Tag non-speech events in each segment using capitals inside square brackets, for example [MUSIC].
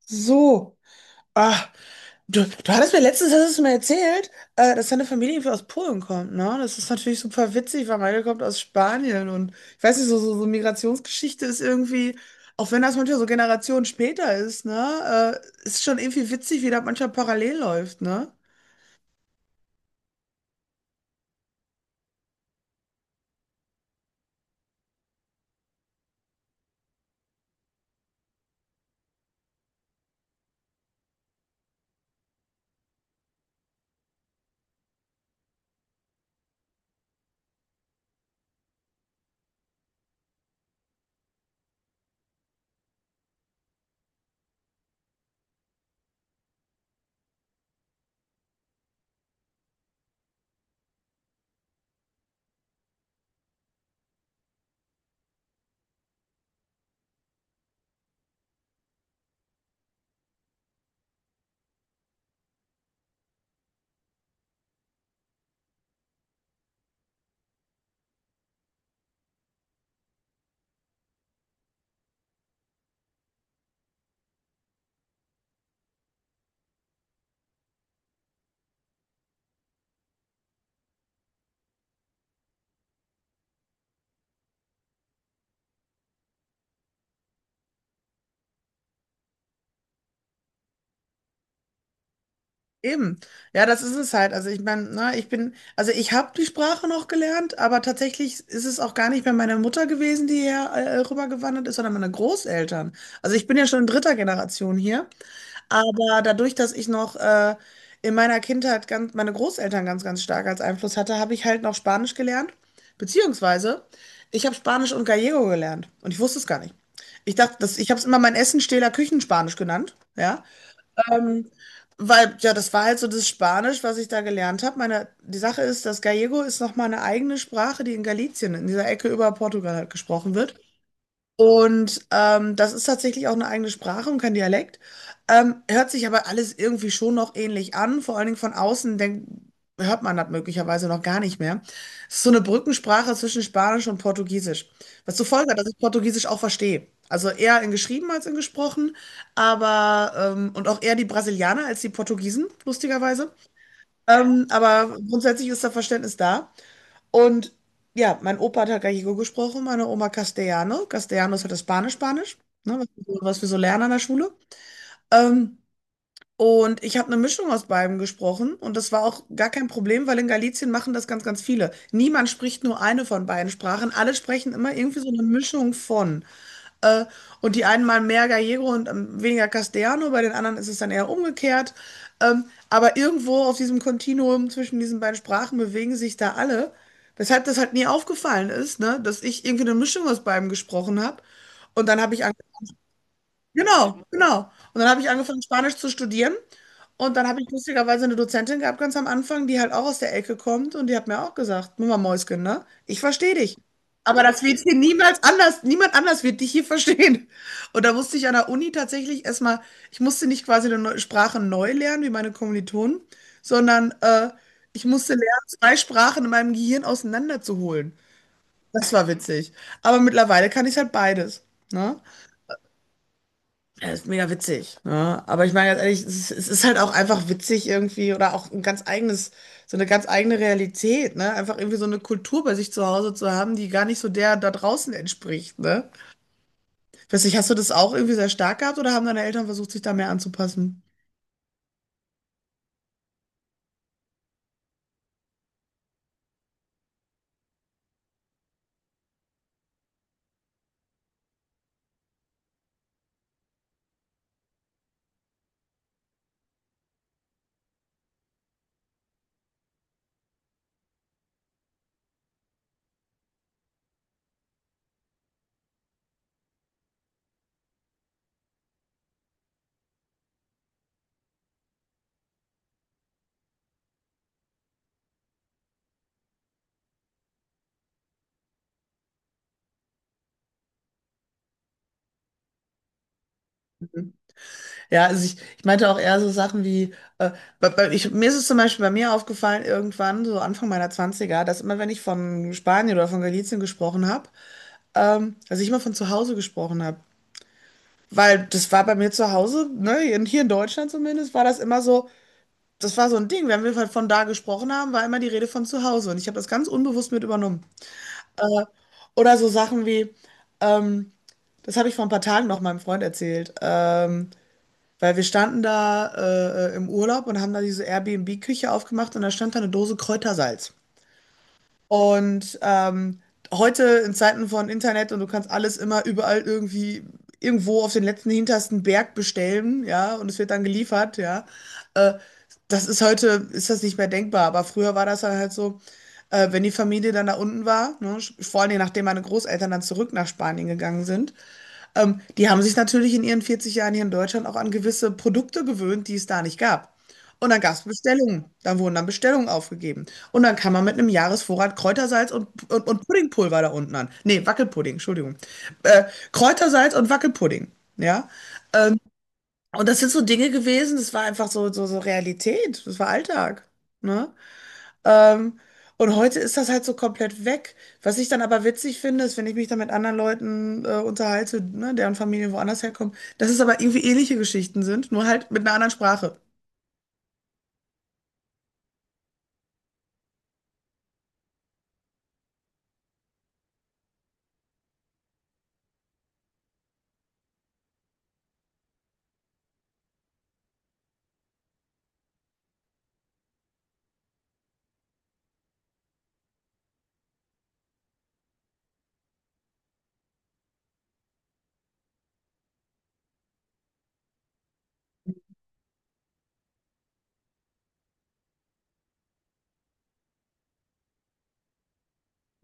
So. Ah, du hattest mir letztens, hast du mir erzählt, dass deine Familie irgendwie aus Polen kommt, ne? Das ist natürlich super witzig, weil meine kommt aus Spanien und ich weiß nicht, so Migrationsgeschichte ist irgendwie, auch wenn das manchmal so Generationen später ist, ne? Ist schon irgendwie witzig, wie da manchmal parallel läuft, ne? Eben. Ja, das ist es halt. Also ich meine, ne, also ich habe die Sprache noch gelernt, aber tatsächlich ist es auch gar nicht mehr meine Mutter gewesen, die hier rübergewandert ist, sondern meine Großeltern. Also ich bin ja schon in dritter Generation hier. Aber dadurch, dass ich noch in meiner Kindheit meine Großeltern ganz, ganz stark als Einfluss hatte, habe ich halt noch Spanisch gelernt. Beziehungsweise, ich habe Spanisch und Gallego gelernt. Und ich wusste es gar nicht. Ich dachte, ich habe es immer meinen Essenstähler Küchenspanisch genannt. Ja. Ähm, Weil, ja, das war halt so das Spanisch, was ich da gelernt habe. Meine, die Sache ist, das Gallego ist nochmal eine eigene Sprache, die in Galicien, in dieser Ecke über Portugal halt gesprochen wird. Und das ist tatsächlich auch eine eigene Sprache und kein Dialekt. Hört sich aber alles irgendwie schon noch ähnlich an. Vor allen Dingen von außen hört man das möglicherweise noch gar nicht mehr. Es ist so eine Brückensprache zwischen Spanisch und Portugiesisch. Was zur Folge hat, dass ich Portugiesisch auch verstehe. Also eher in geschrieben als in gesprochen, aber und auch eher die Brasilianer als die Portugiesen, lustigerweise. Aber grundsätzlich ist da Verständnis da. Und ja, mein Opa hat halt Gallego gesprochen, meine Oma Castellano. Castellano ist halt das Spanisch-Spanisch, ne, was wir so lernen an der Schule. Ähm, und ich habe eine Mischung aus beidem gesprochen und das war auch gar kein Problem, weil in Galicien machen das ganz, ganz viele. Niemand spricht nur eine von beiden Sprachen, alle sprechen immer irgendwie so eine Mischung von. Äh, und die einen mal mehr Gallego und weniger Castellano, bei den anderen ist es dann eher umgekehrt. Aber irgendwo auf diesem Kontinuum zwischen diesen beiden Sprachen bewegen sich da alle. Weshalb das halt nie aufgefallen ist, ne? Dass ich irgendwie eine Mischung aus beidem gesprochen habe. Und dann habe ich Genau, genau. Und dann habe ich angefangen, Spanisch zu studieren. Und dann habe ich lustigerweise eine Dozentin gehabt, ganz am Anfang, die halt auch aus der Ecke kommt. Und die hat mir auch gesagt, Mama Mäuschen, ne? Ich verstehe dich. Aber das wird hier niemals anders, niemand anders wird dich hier verstehen. Und da musste ich an der Uni tatsächlich erstmal, ich musste nicht quasi eine neue Sprache neu lernen, wie meine Kommilitonen, sondern ich musste lernen, zwei Sprachen in meinem Gehirn auseinanderzuholen. Das war witzig. Aber mittlerweile kann ich halt beides. Ne? Ja, ist mega witzig. Ne? Aber ich meine ganz ehrlich, es ist halt auch einfach witzig irgendwie oder auch ein ganz eigenes, so eine ganz eigene Realität, ne? Einfach irgendwie so eine Kultur bei sich zu Hause zu haben, die gar nicht so der da draußen entspricht, ne? Ich weiß nicht, hast du das auch irgendwie sehr stark gehabt oder haben deine Eltern versucht, sich da mehr anzupassen? Ja, also ich meinte auch eher so Sachen wie, äh, mir ist es zum Beispiel bei mir aufgefallen, irgendwann, so Anfang meiner Zwanziger, dass immer wenn ich von Spanien oder von Galicien gesprochen habe, dass ich immer von zu Hause gesprochen habe. Weil das war bei mir zu Hause, ne, hier in Deutschland zumindest, war das immer so, das war so ein Ding. Wenn wir halt von da gesprochen haben, war immer die Rede von zu Hause. Und ich habe das ganz unbewusst mit übernommen. Oder so Sachen wie, ähm, das habe ich vor ein paar Tagen noch meinem Freund erzählt, weil wir standen da im Urlaub und haben da diese Airbnb-Küche aufgemacht und da stand da eine Dose Kräutersalz. Und heute in Zeiten von Internet und du kannst alles immer überall irgendwie irgendwo auf den letzten hintersten Berg bestellen, ja, und es wird dann geliefert, ja. Äh, Das ist heute, ist das nicht mehr denkbar, aber früher war das dann halt so, wenn die Familie dann da unten war, ne, vor allen Dingen nachdem meine Großeltern dann zurück nach Spanien gegangen sind, die haben sich natürlich in ihren 40 Jahren hier in Deutschland auch an gewisse Produkte gewöhnt, die es da nicht gab. Und dann gab es Bestellungen. Dann wurden dann Bestellungen aufgegeben. Und dann kam man mit einem Jahresvorrat Kräutersalz und Puddingpulver da unten an. Nee, Wackelpudding, Entschuldigung. Äh, Kräutersalz und Wackelpudding. Ja. Ähm, und das sind so Dinge gewesen, das war einfach so Realität. Das war Alltag. Ne? Ähm, und heute ist das halt so komplett weg. Was ich dann aber witzig finde, ist, wenn ich mich dann mit anderen Leuten unterhalte, ne, deren Familien woanders herkommen, dass es aber irgendwie ähnliche Geschichten sind, nur halt mit einer anderen Sprache.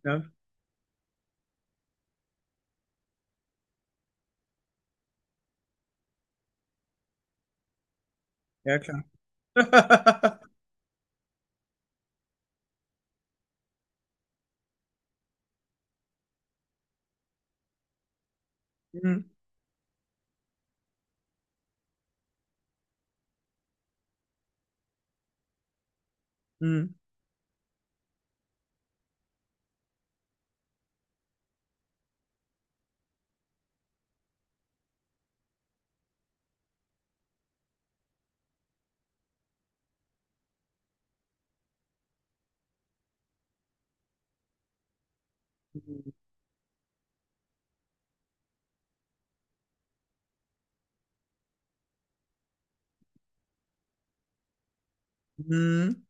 Ja, ja, klar. [LAUGHS] Hm, hm, hm.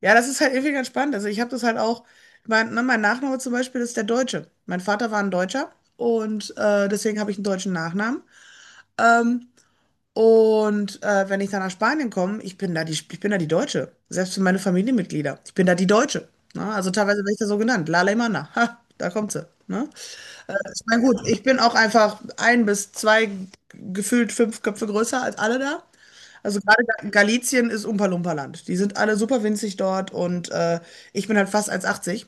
Ja, das ist halt irgendwie ganz spannend. Also ich habe das halt auch, mein Nachname zum Beispiel ist der Deutsche. Mein Vater war ein Deutscher und deswegen habe ich einen deutschen Nachnamen. Ähm, wenn ich dann nach Spanien komme, ich bin da die Deutsche. Selbst für meine Familienmitglieder. Ich bin da die Deutsche. Ne? Also teilweise werde ich da so genannt. La Alemana. [LAUGHS] Ha, da kommt sie. Ne? Ich meine, gut, ich bin auch einfach ein bis zwei, gefühlt fünf Köpfe größer als alle da. Also gerade Galicien ist Umpa-Lumpa-Land. Die sind alle super winzig dort und ich bin halt fast 1,80.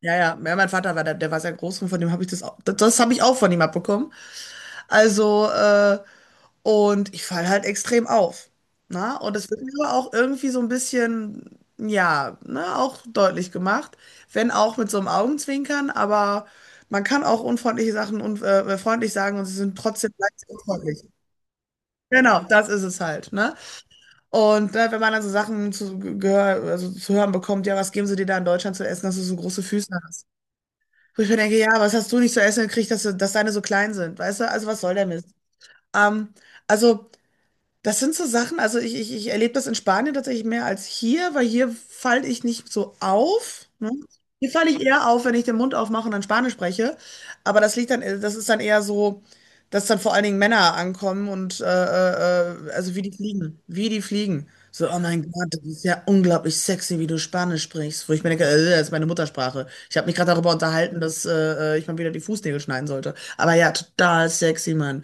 Ja, ja, ja, mein Vater war da, der war sehr groß und von dem habe ich das auch, das, das habe ich auch von ihm abbekommen. Also, und ich falle halt extrem auf. Na? Und das wird mir aber auch irgendwie so ein bisschen, ja, ne, auch deutlich gemacht. Wenn auch mit so einem Augenzwinkern, aber man kann auch unfreundliche Sachen und freundlich sagen und sie sind trotzdem leicht unfreundlich. Genau, das ist es halt, ne? Und ne, wenn man dann so Sachen also zu hören bekommt, ja, was geben sie dir da in Deutschland zu essen, dass du so große Füße hast? Wo ich mir denke, ja, was hast du nicht zu essen gekriegt, dass deine so klein sind, weißt du? Also was soll der Mist? Ähm, also. Das sind so Sachen, also ich erlebe das in Spanien tatsächlich mehr als hier, weil hier falle ich nicht so auf. Ne? Hier falle ich eher auf, wenn ich den Mund aufmache und dann Spanisch spreche. Aber das liegt dann, das ist dann eher so, dass dann vor allen Dingen Männer ankommen und also wie die fliegen. Wie die fliegen. So, oh mein Gott, das ist ja unglaublich sexy, wie du Spanisch sprichst. Wo ich mir denke, das ist meine Muttersprache. Ich habe mich gerade darüber unterhalten, dass ich mal wieder die Fußnägel schneiden sollte. Aber ja, total sexy, Mann.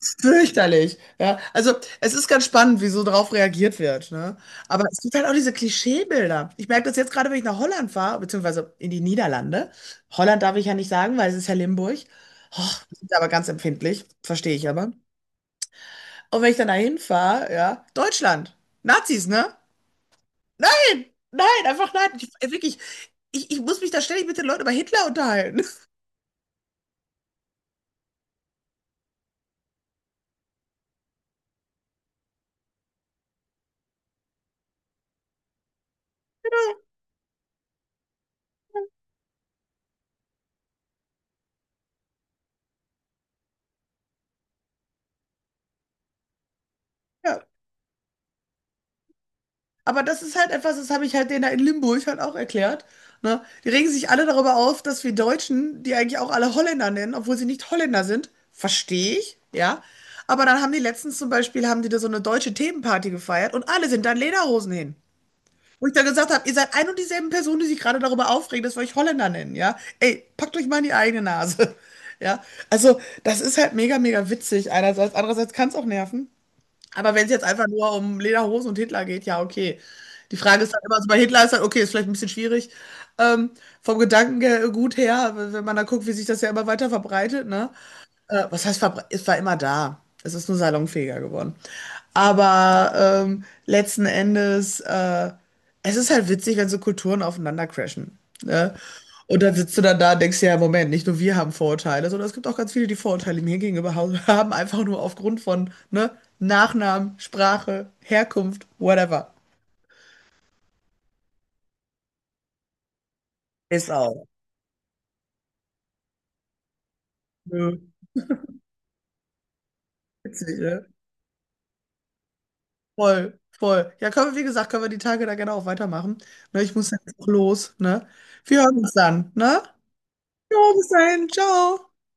Fürchterlich. Ja, also es ist ganz spannend, wie so drauf reagiert wird, ne? Aber es gibt halt auch diese Klischeebilder. Ich merke das jetzt gerade, wenn ich nach Holland fahre, beziehungsweise in die Niederlande. Holland darf ich ja nicht sagen, weil es ist ja Limburg. Oh, sind aber ganz empfindlich, verstehe ich aber. Und wenn ich dann dahin fahre, ja, Deutschland, Nazis, ne? Nein, nein, einfach nein. Ich, wirklich, ich muss mich da ständig mit den Leuten über Hitler unterhalten. [LAUGHS] Aber das ist halt etwas, das habe ich halt denen da in Limburg halt auch erklärt. Ne? Die regen sich alle darüber auf, dass wir Deutschen, die eigentlich auch alle Holländer nennen, obwohl sie nicht Holländer sind, verstehe ich, ja. Aber dann haben die letztens zum Beispiel, haben die da so eine deutsche Themenparty gefeiert und alle sind dann Lederhosen hin. Wo ich dann gesagt habe, ihr seid ein und dieselben Personen, die sich gerade darüber aufregen, dass wir euch Holländer nennen, ja. Ey, packt euch mal in die eigene Nase. [LAUGHS] Ja, also das ist halt mega, mega witzig einerseits. Andererseits kann es auch nerven. Aber wenn es jetzt einfach nur um Lederhosen und Hitler geht, ja, okay. Die Frage ist dann immer, also bei Hitler ist dann, okay, ist vielleicht ein bisschen schwierig. Ähm, Vom Gedankengut her, wenn man da guckt, wie sich das ja immer weiter verbreitet, ne? Was heißt, es war immer da. Es ist nur salonfähiger geworden. Aber letzten Endes, es ist halt witzig, wenn so Kulturen aufeinander crashen. Ne? Und dann sitzt du dann da und denkst dir, ja, Moment, nicht nur wir haben Vorurteile, sondern es gibt auch ganz viele, die Vorurteile mir gegenüber [LAUGHS] haben, einfach nur aufgrund von ne, Nachnamen, Sprache, Herkunft, whatever. Ist auch. Nö. Witzig, ne? Voll, voll. Ja, können wir, wie gesagt, können wir die Tage da gerne auch weitermachen. Ne, ich muss jetzt auch los, ne? Wir hören uns dann, ne? Jo, bis dahin, ciao.